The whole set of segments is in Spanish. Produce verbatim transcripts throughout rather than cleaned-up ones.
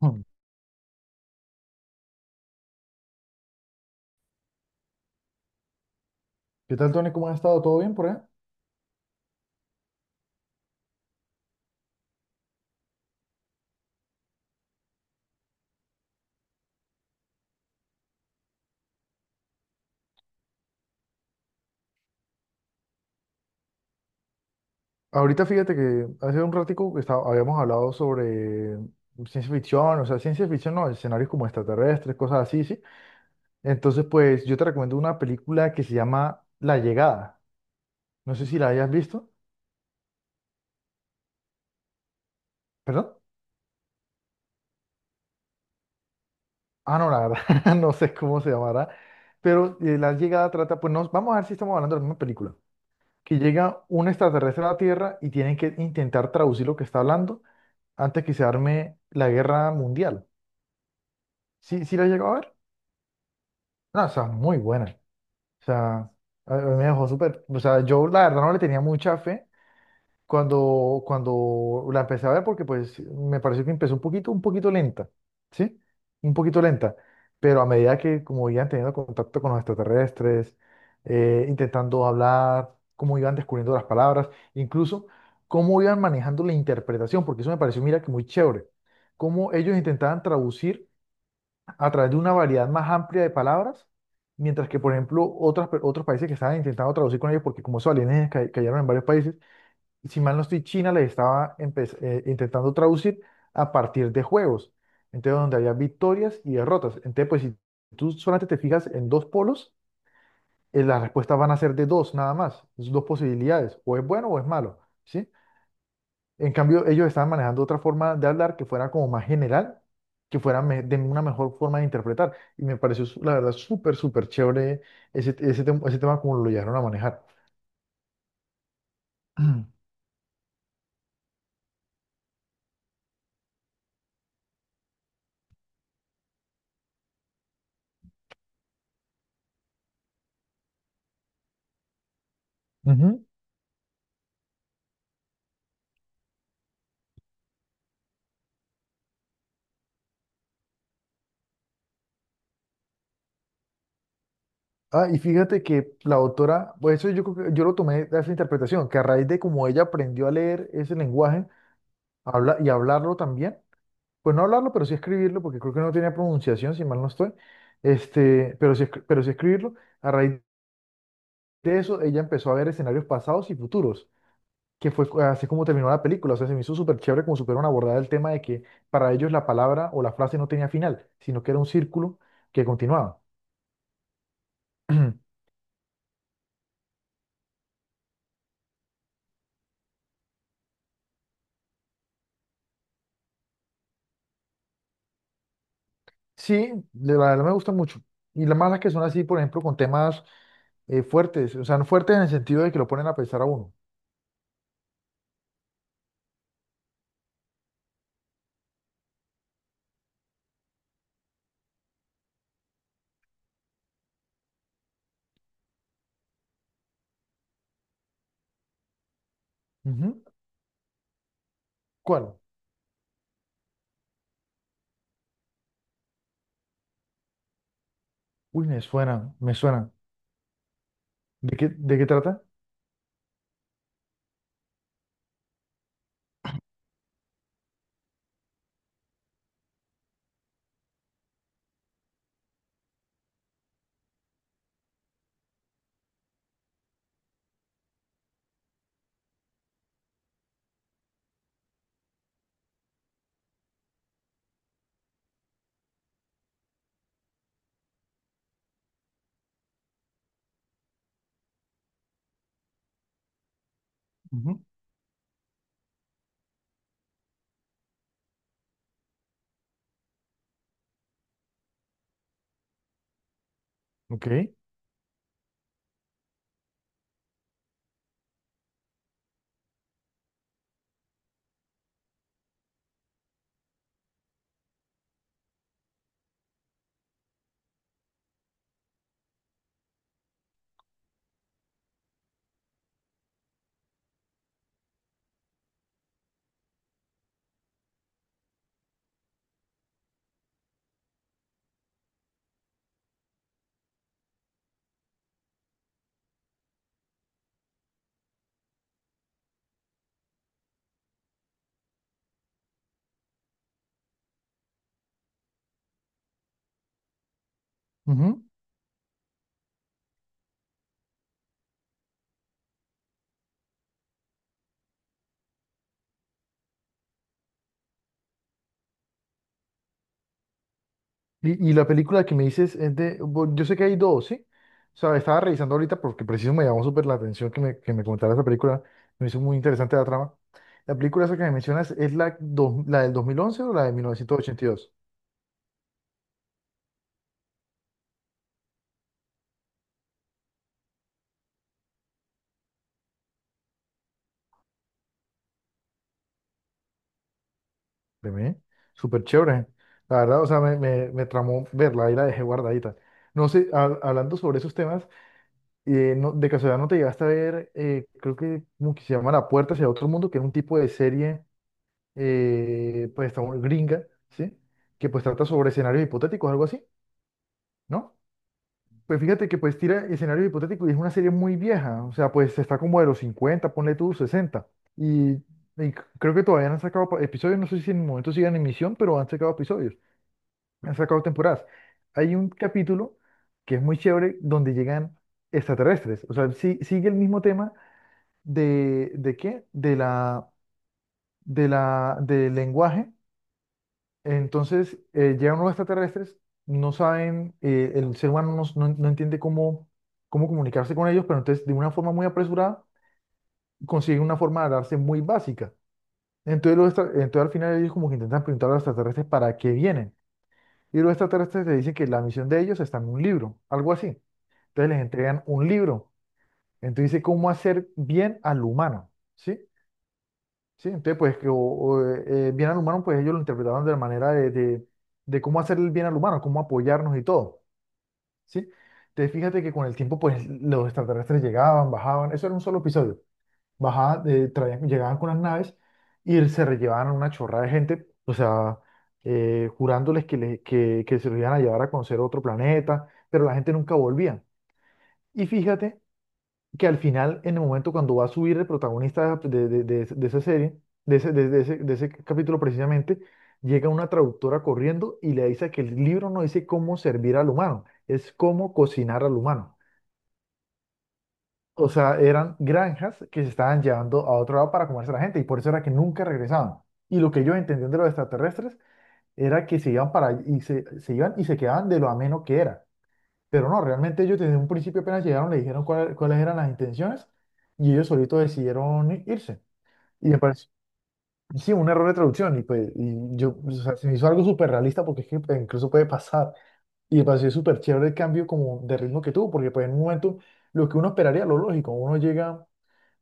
Hmm. ¿Qué tal, Tony? ¿Cómo has estado? ¿Todo bien por ahí? Ahorita fíjate que hace un ratico que estaba- habíamos hablado sobre ciencia ficción, o sea, ciencia ficción, no, escenarios como extraterrestres, cosas así, ¿sí? Entonces, pues yo te recomiendo una película que se llama La Llegada. No sé si la hayas visto. ¿Perdón? Ah, no, la verdad, no sé cómo se llamará, pero eh, La Llegada trata, pues nos, vamos a ver si estamos hablando de la misma película, que llega un extraterrestre a la Tierra y tienen que intentar traducir lo que está hablando antes que se arme la guerra mundial. ¿Sí, sí la llegó a ver? No, o sea, muy buena. O sea, a- a mí me dejó súper. O sea, yo la verdad no le tenía mucha fe cuando, cuando la empecé a ver porque pues me pareció que empezó un poquito, un poquito lenta, ¿sí? Un poquito lenta. Pero a medida que como iban teniendo contacto con los extraterrestres, eh, intentando hablar, cómo iban descubriendo las palabras, incluso cómo iban manejando la interpretación, porque eso me pareció, mira, que muy chévere. Cómo ellos intentaban traducir a través de una variedad más amplia de palabras, mientras que, por ejemplo, otras, pe- otros países que estaban intentando traducir con ellos, porque como esos alienígenas ca- cayeron en varios países, y si mal no estoy, China les estaba empe- eh, intentando traducir a partir de juegos, entonces donde había victorias y derrotas. Entonces, pues si tú solamente te fijas en dos polos, eh, las respuestas van a ser de dos nada más, es dos posibilidades, o es bueno o es malo, ¿sí? En cambio, ellos estaban manejando otra forma de hablar que fuera como más general, que fuera me- de una mejor forma de interpretar. Y me pareció, su- la verdad, súper, súper chévere ese, ese, tem- ese tema como lo llegaron a manejar. Ujú. Ah, y fíjate que la autora, pues eso yo creo que yo lo tomé de esa interpretación, que a raíz de cómo ella aprendió a leer ese lenguaje habla, y hablarlo también, pues no hablarlo, pero sí escribirlo, porque creo que no tenía pronunciación, si mal no estoy, este, pero sí, escri- pero sí escribirlo, a raíz de eso ella empezó a ver escenarios pasados y futuros. Que fue cu- así como terminó la película. O sea, se me hizo súper chévere como supieron abordar el tema de que para ellos la palabra o la frase no tenía final, sino que era un círculo que continuaba. Sí, de la verdad me gusta mucho. Y las malas que son así, por ejemplo, con temas eh, fuertes, o sea, no fuertes en el sentido de que lo ponen a pensar a uno. Ujú. ¿Cuál? Uy, me suena, me suena. ¿De qué, de qué trata? Ujú. Ok. Ujú. Y, y la película que me dices es de, bo- yo sé que hay dos, ¿sí? O sea, estaba revisando ahorita porque preciso me llamó súper la atención que me, que me comentara esa película, me hizo muy interesante la trama. La película esa que me mencionas es la, dos- la del dos mil once o la de mil novecientos ochenta y dos. De mí, súper chévere. La verdad, o sea, me, me, me tramó verla y la dejé guardadita. No sé, ha- hablando sobre esos temas, eh, no- de casualidad no te llegaste a ver, eh, creo que como que se llama La Puerta hacia otro mundo, que era un tipo de serie eh, pues famo- gringa, ¿sí? Que pues trata sobre escenarios hipotéticos, algo así, ¿no? Pues fíjate que pues tira escenarios hipotéticos y es una serie muy vieja, o sea, pues está como de los cincuenta, ponle tú sesenta. Y, y c- creo que todavía no han sacado pa- episodios, no sé si en el momento sigan en emisión, pero han sacado episodios, han sacado temporadas. Hay un capítulo que es muy chévere donde llegan extraterrestres, o sea, sí- sigue el mismo tema de, ¿de qué? De la, de la, del lenguaje. Entonces, eh, llegan unos extraterrestres, no saben, eh, el ser humano no, no- no entiende cómo, cómo comunicarse con ellos, pero entonces de una forma muy apresurada consiguen una forma de darse muy básica. Entonces, los extra- entonces al final ellos como que intentan preguntar a los extraterrestres para qué vienen. Y los extraterrestres le dicen que la misión de ellos está en un libro, algo así. Entonces les entregan un libro. Entonces dice cómo hacer bien al humano, ¿sí? Sí, entonces pues que o- o, eh, eh, bien al humano, pues ellos lo interpretaban de la manera de, de, de cómo hacer el bien al humano, cómo apoyarnos y todo, ¿sí? Entonces fíjate que con el tiempo pues los extraterrestres llegaban, bajaban, eso era un solo episodio, bajaban, eh, traían- llegaban con las naves y se rellevaban a una chorrada de gente, o sea, eh, jurándoles que, le- que, que se los iban a llevar a conocer otro planeta, pero la gente nunca volvía. Y fíjate que al final, en el momento cuando va a subir el protagonista de, de- de- de esa serie, de ese, de- de ese- de ese capítulo precisamente, llega una traductora corriendo y le dice que el libro no dice cómo servir al humano, es cómo cocinar al humano. O sea, eran granjas que se estaban llevando a otro lado para comerse a la gente y por eso era que nunca regresaban. Y lo que ellos entendían de los extraterrestres era que se iban para y se, se iban y se quedaban de lo ameno que era. Pero no, realmente ellos desde un principio apenas llegaron, le dijeron cuál- cuáles eran las intenciones y ellos solitos decidieron i- irse. Y me pareció, sí, un error de traducción y pues y yo, o sea, se me hizo algo súper realista porque es que pues, incluso puede pasar. Y me pareció súper chévere el cambio como de ritmo que tuvo, porque pues en un momento lo que uno esperaría, lo lógico, uno llega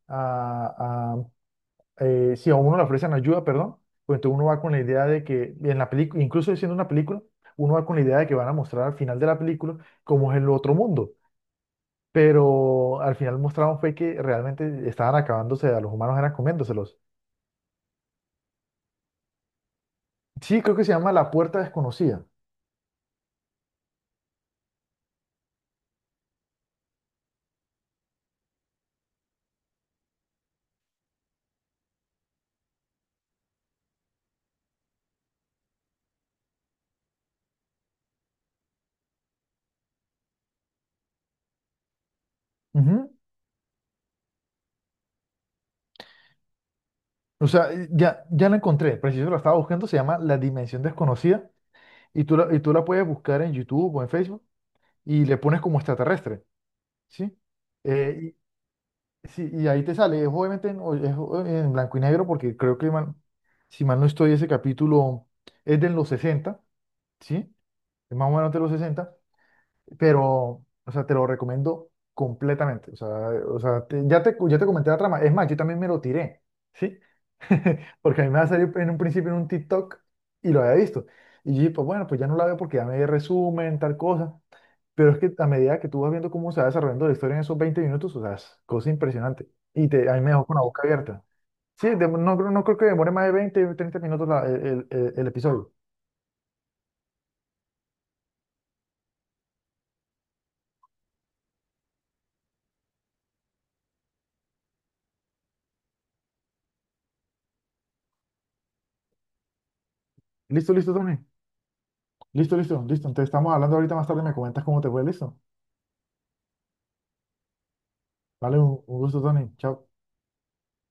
a, a eh, si a uno le ofrecen ayuda, perdón, pues entonces uno va con la idea de que en la película, incluso siendo una película, uno va con la idea de que van a mostrar al final de la película cómo es el otro mundo, pero al final mostraron fue que realmente estaban acabándose, a los humanos eran comiéndoselos. Sí, creo que se llama La Puerta Desconocida. Ujú. O sea, eh, ya, ya la encontré, preciso la estaba buscando, se llama La Dimensión Desconocida y tú la, y tú la puedes buscar en YouTube o en Facebook y le pones como extraterrestre, ¿sí? Eh, y, sí, y ahí te sale, es obviamente en, o- es o- en blanco y negro porque creo que, mal- si mal no estoy, ese capítulo es de los sesenta, ¿sí? Es más o menos de los sesenta. Pero, o sea, te lo recomiendo completamente. O sea, o sea, te- ya te, ya te comenté la trama. Es más, yo también me lo tiré, ¿sí? Porque a mí me va a salir en un principio en un TikTok y lo había visto. Y yo, dije, pues bueno, pues ya no la veo porque ya me di resumen, tal cosa. Pero es que a medida que tú vas viendo cómo se va desarrollando la historia en esos veinte minutos, o sea, es cosa impresionante. Y te, a mí me dejó con la boca abierta. Sí, de- no, no creo- no creo que demore más de veinte treinta minutos la- el, el- el- el episodio. ¿Listo, listo, Tony? Listo, listo, listo. Entonces estamos hablando ahorita más tarde, me comentas cómo te fue, listo. Vale, un, un gusto, Tony. Chao.